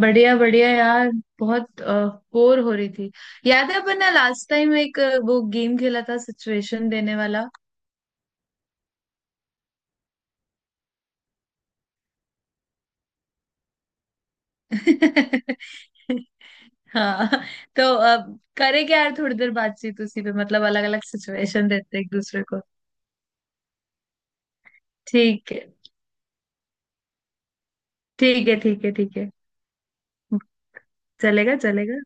बढ़िया बढ़िया यार, बहुत बोर हो रही थी। याद है अपन ने लास्ट टाइम एक वो गेम खेला था सिचुएशन देने वाला। हाँ। तो अब करे क्या यार, थोड़ी देर बातचीत उसी पे, मतलब अलग अलग सिचुएशन देते हैं एक दूसरे को। ठीक है। ठीक है ठीक है ठीक है। चलेगा चलेगा।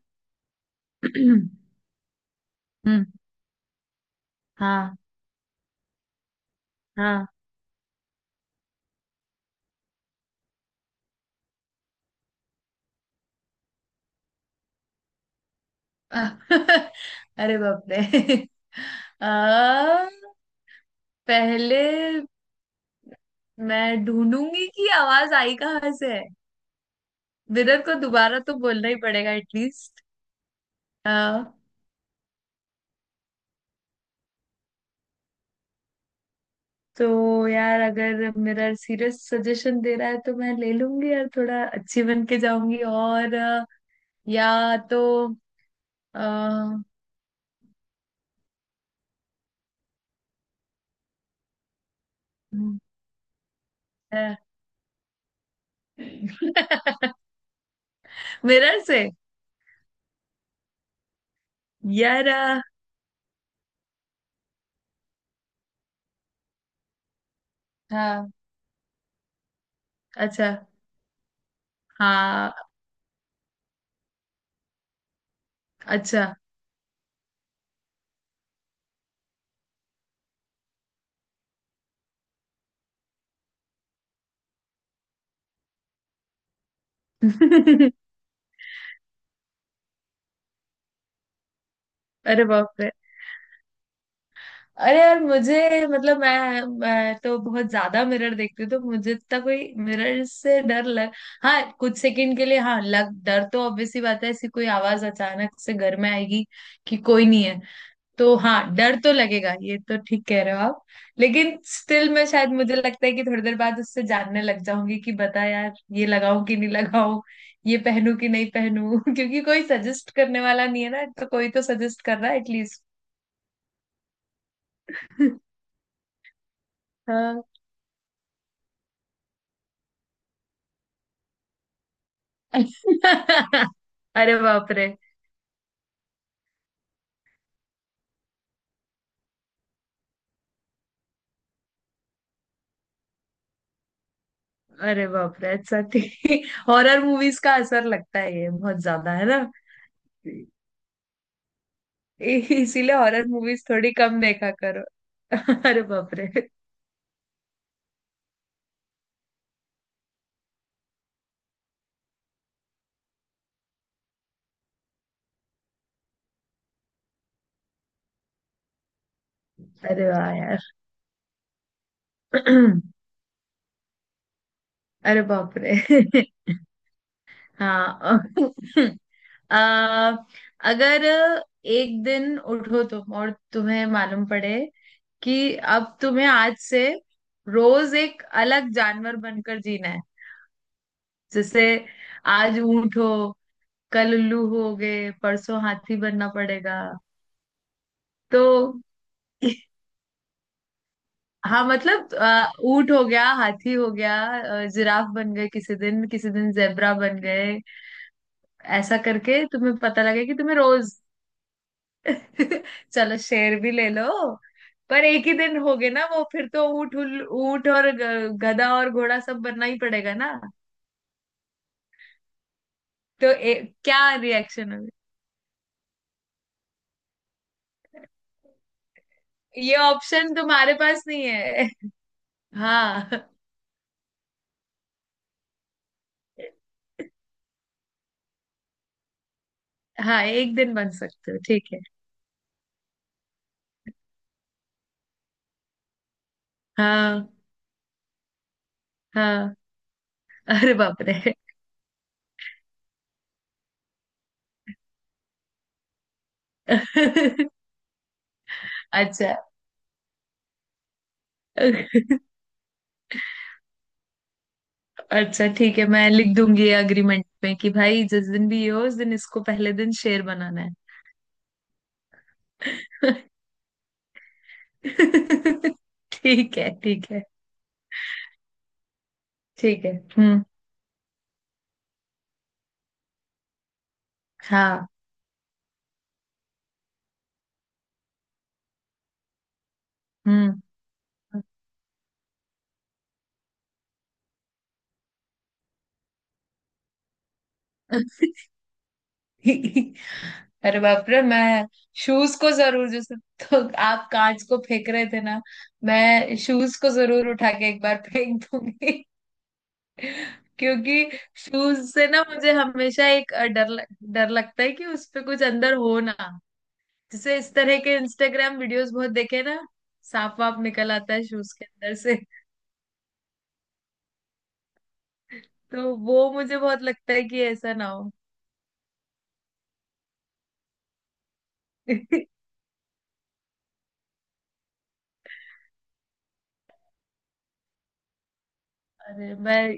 हम्म। हाँ। हाँ। अरे बाप रे। आ, पहले मैं ढूंढूंगी कि आवाज आई कहाँ से है। मिरर को दोबारा तो बोलना ही पड़ेगा एटलीस्ट। आ, तो यार, अगर मिरर सीरियस सजेशन दे रहा है तो मैं ले लूंगी यार, थोड़ा अच्छी बन के जाऊंगी, और या तो आ, मिरर से। यार हाँ। अच्छा। हाँ। अच्छा। अरे बाप रे। अरे यार, मुझे मतलब मैं तो बहुत ज्यादा मिरर देखती हूँ, तो मुझे इतना कोई मिरर से डर लग हाँ, कुछ सेकंड के लिए हाँ, लग डर तो ऑब्वियसली बात है, ऐसी कोई आवाज अचानक से घर में आएगी कि कोई नहीं है, तो हाँ, डर तो लगेगा, ये तो ठीक कह रहे हो आप। लेकिन स्टिल मैं शायद, मुझे लगता है कि थोड़ी देर बाद उससे जानने लग जाऊंगी कि बता यार, ये लगाऊं कि नहीं लगाऊं, ये पहनूं कि नहीं पहनूं। क्योंकि कोई सजेस्ट करने वाला नहीं है ना, तो कोई तो सजेस्ट कर रहा है एटलीस्ट। हाँ। अरे बाप रे। अरे बाप रे। अच्छा, ठीक हॉरर मूवीज का असर लगता है ये, बहुत ज्यादा है ना। इसीलिए हॉरर मूवीज थोड़ी कम देखा करो। अरे बाप रे। अरे वाह यार। अरे बाप रे। हाँ। आ, अगर एक दिन उठो तुम और तुम्हें मालूम पड़े कि अब तुम्हें आज से रोज एक अलग जानवर बनकर जीना है। जैसे आज ऊंट हो, कल उल्लू हो गए, परसों हाथी बनना पड़ेगा। तो हाँ, मतलब ऊंट हो गया, हाथी हो गया, जिराफ बन गए किसी दिन, किसी दिन जेब्रा बन गए। ऐसा करके तुम्हें पता लगे कि तुम्हें रोज। चलो शेर भी ले लो। पर एक ही दिन हो गए ना, वो फिर तो ऊँट और गधा और घोड़ा सब बनना ही पड़ेगा ना। तो क्या रिएक्शन होगा? ये ऑप्शन तुम्हारे पास नहीं है। हाँ, हाँ एक दिन बन सकते हो ठीक है। हाँ हाँ। अरे बाप रे। अच्छा। अच्छा। ठीक है, मैं लिख दूंगी एग्रीमेंट में कि भाई जिस दिन भी ये हो, उस दिन इसको पहले दिन शेर बनाना है। ठीक है ठीक है ठीक है। हम्म। हाँ। हम्म। अरे बाप रे, मैं शूज को जरूर जैसे, तो आप कांच को फेंक रहे थे ना, मैं शूज को जरूर उठा के एक बार फेंक दूंगी। क्योंकि शूज से ना मुझे हमेशा एक डर डर लगता है कि उस पे कुछ अंदर हो ना, जैसे इस तरह के इंस्टाग्राम वीडियोस बहुत देखे ना, सांप वाप निकल आता है शूज के अंदर, तो वो मुझे बहुत लगता है कि ऐसा ना हो। अरे मैं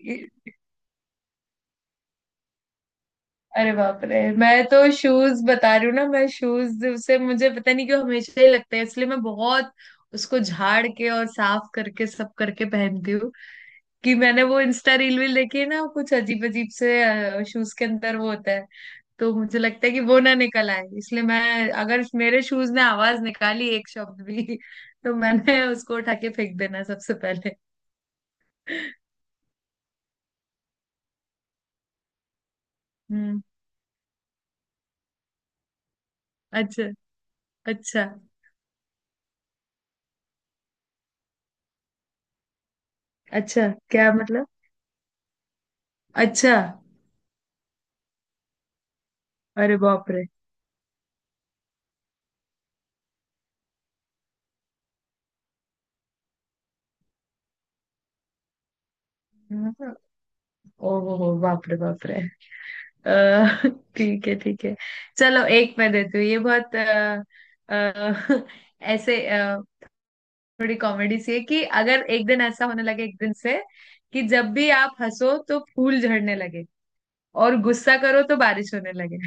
अरे बाप रे, मैं तो शूज बता रही हूँ ना, मैं शूज से, मुझे पता नहीं क्यों हमेशा ही लगता है, इसलिए मैं बहुत उसको झाड़ के और साफ करके सब करके पहनती हूँ, कि मैंने वो इंस्टा रील वील देखी है ना, कुछ अजीब अजीब से शूज के अंदर वो होता है, तो मुझे लगता है कि वो ना निकल आए, इसलिए मैं, अगर मेरे शूज ने आवाज निकाली एक शब्द भी, तो मैंने उसको उठा के फेंक देना सबसे पहले। हम्म। अच्छा। अच्छा। अच्छा क्या मतलब? अच्छा। अरे बाप रे। ओ हो बाप रे बाप रे। अ, ठीक है ठीक है। चलो एक मैं देती हूँ। ये बहुत अ, ऐसे थोड़ी कॉमेडी सी है, कि अगर एक दिन ऐसा होने लगे, एक दिन से कि जब भी आप हंसो तो फूल झड़ने लगे, और गुस्सा करो तो बारिश होने लगे।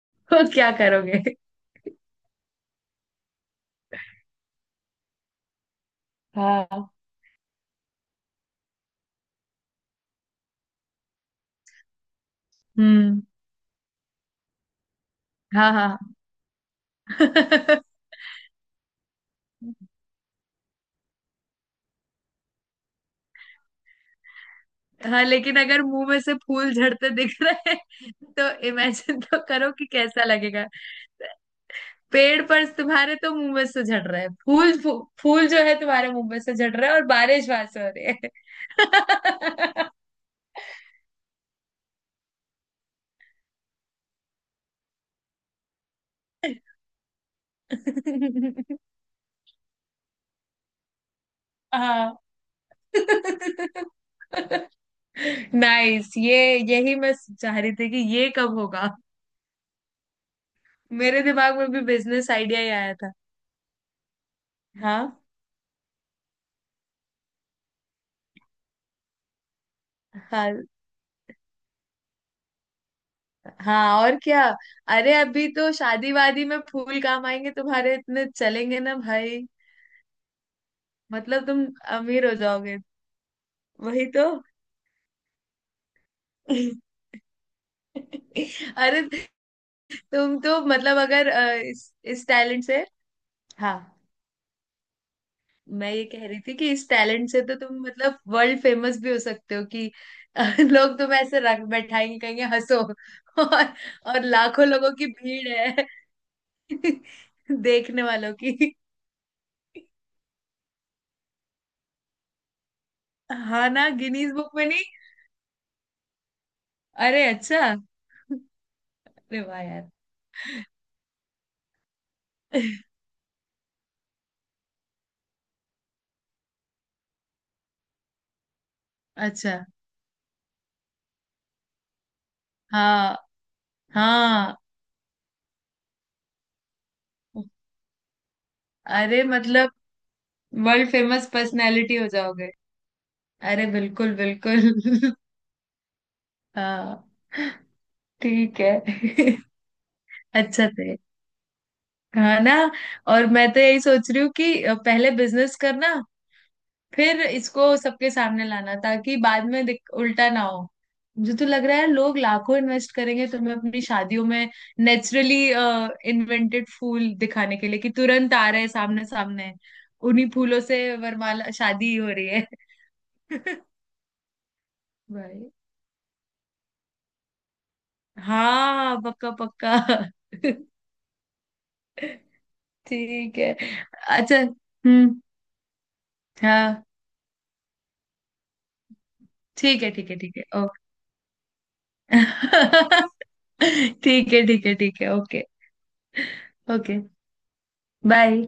तो क्या करोगे? हाँ। हम्म। हाँ। हाँ। हाँ, लेकिन अगर मुंह में से फूल झड़ते दिख रहे हैं तो इमेजिन तो करो कि कैसा लगेगा। पेड़ पर, तुम्हारे तो मुंह में से झड़ रहे हैं फूल, फूल जो है तुम्हारे मुंह में से झड़ रहा है और बारिश वहां से हो रही है। हाँ। नाइस, ये यही मैं चाह रही थी कि ये कब होगा। मेरे दिमाग में भी बिजनेस आइडिया ही आया था। हाँ। हाँ। हाँ और क्या। अरे अभी तो शादी वादी में फूल काम आएंगे तुम्हारे, इतने चलेंगे ना भाई। मतलब तुम अमीर हो जाओगे। वही तो। अरे तुम तो मतलब, अगर इस टैलेंट से, हाँ, मैं ये कह रही थी कि इस टैलेंट से तो तुम मतलब वर्ल्ड फेमस भी हो सकते हो, कि लोग तुम्हें ऐसे रख बैठाएंगे, कहेंगे हंसो। और, और लाखों लोगों की भीड़ है, देखने वालों की। हाँ ना। गिनीज बुक में। अरे अच्छा। अरे वाह यार। अच्छा। हाँ हाँ। अरे मतलब वर्ल्ड फेमस पर्सनालिटी हो जाओगे। अरे बिल्कुल बिल्कुल। हाँ ठीक है। अच्छा थे। हाँ ना। और मैं तो यही सोच रही हूँ कि पहले बिजनेस करना, फिर इसको सबके सामने लाना, ताकि बाद में उल्टा ना हो। जो तो लग रहा है लोग लाखों इन्वेस्ट करेंगे तुम्हें अपनी शादियों में, नेचुरली इन्वेंटेड फूल दिखाने के लिए, कि तुरंत आ रहे हैं सामने सामने, उन्हीं फूलों से वरमाला शादी हो रही है। भाई। हाँ पक्का पक्का। ठीक है। अच्छा। हम्म। हाँ। ठीक है ठीक है ठीक है। ओके। ठीक है ठीक है ठीक है। ओके। Okay bye.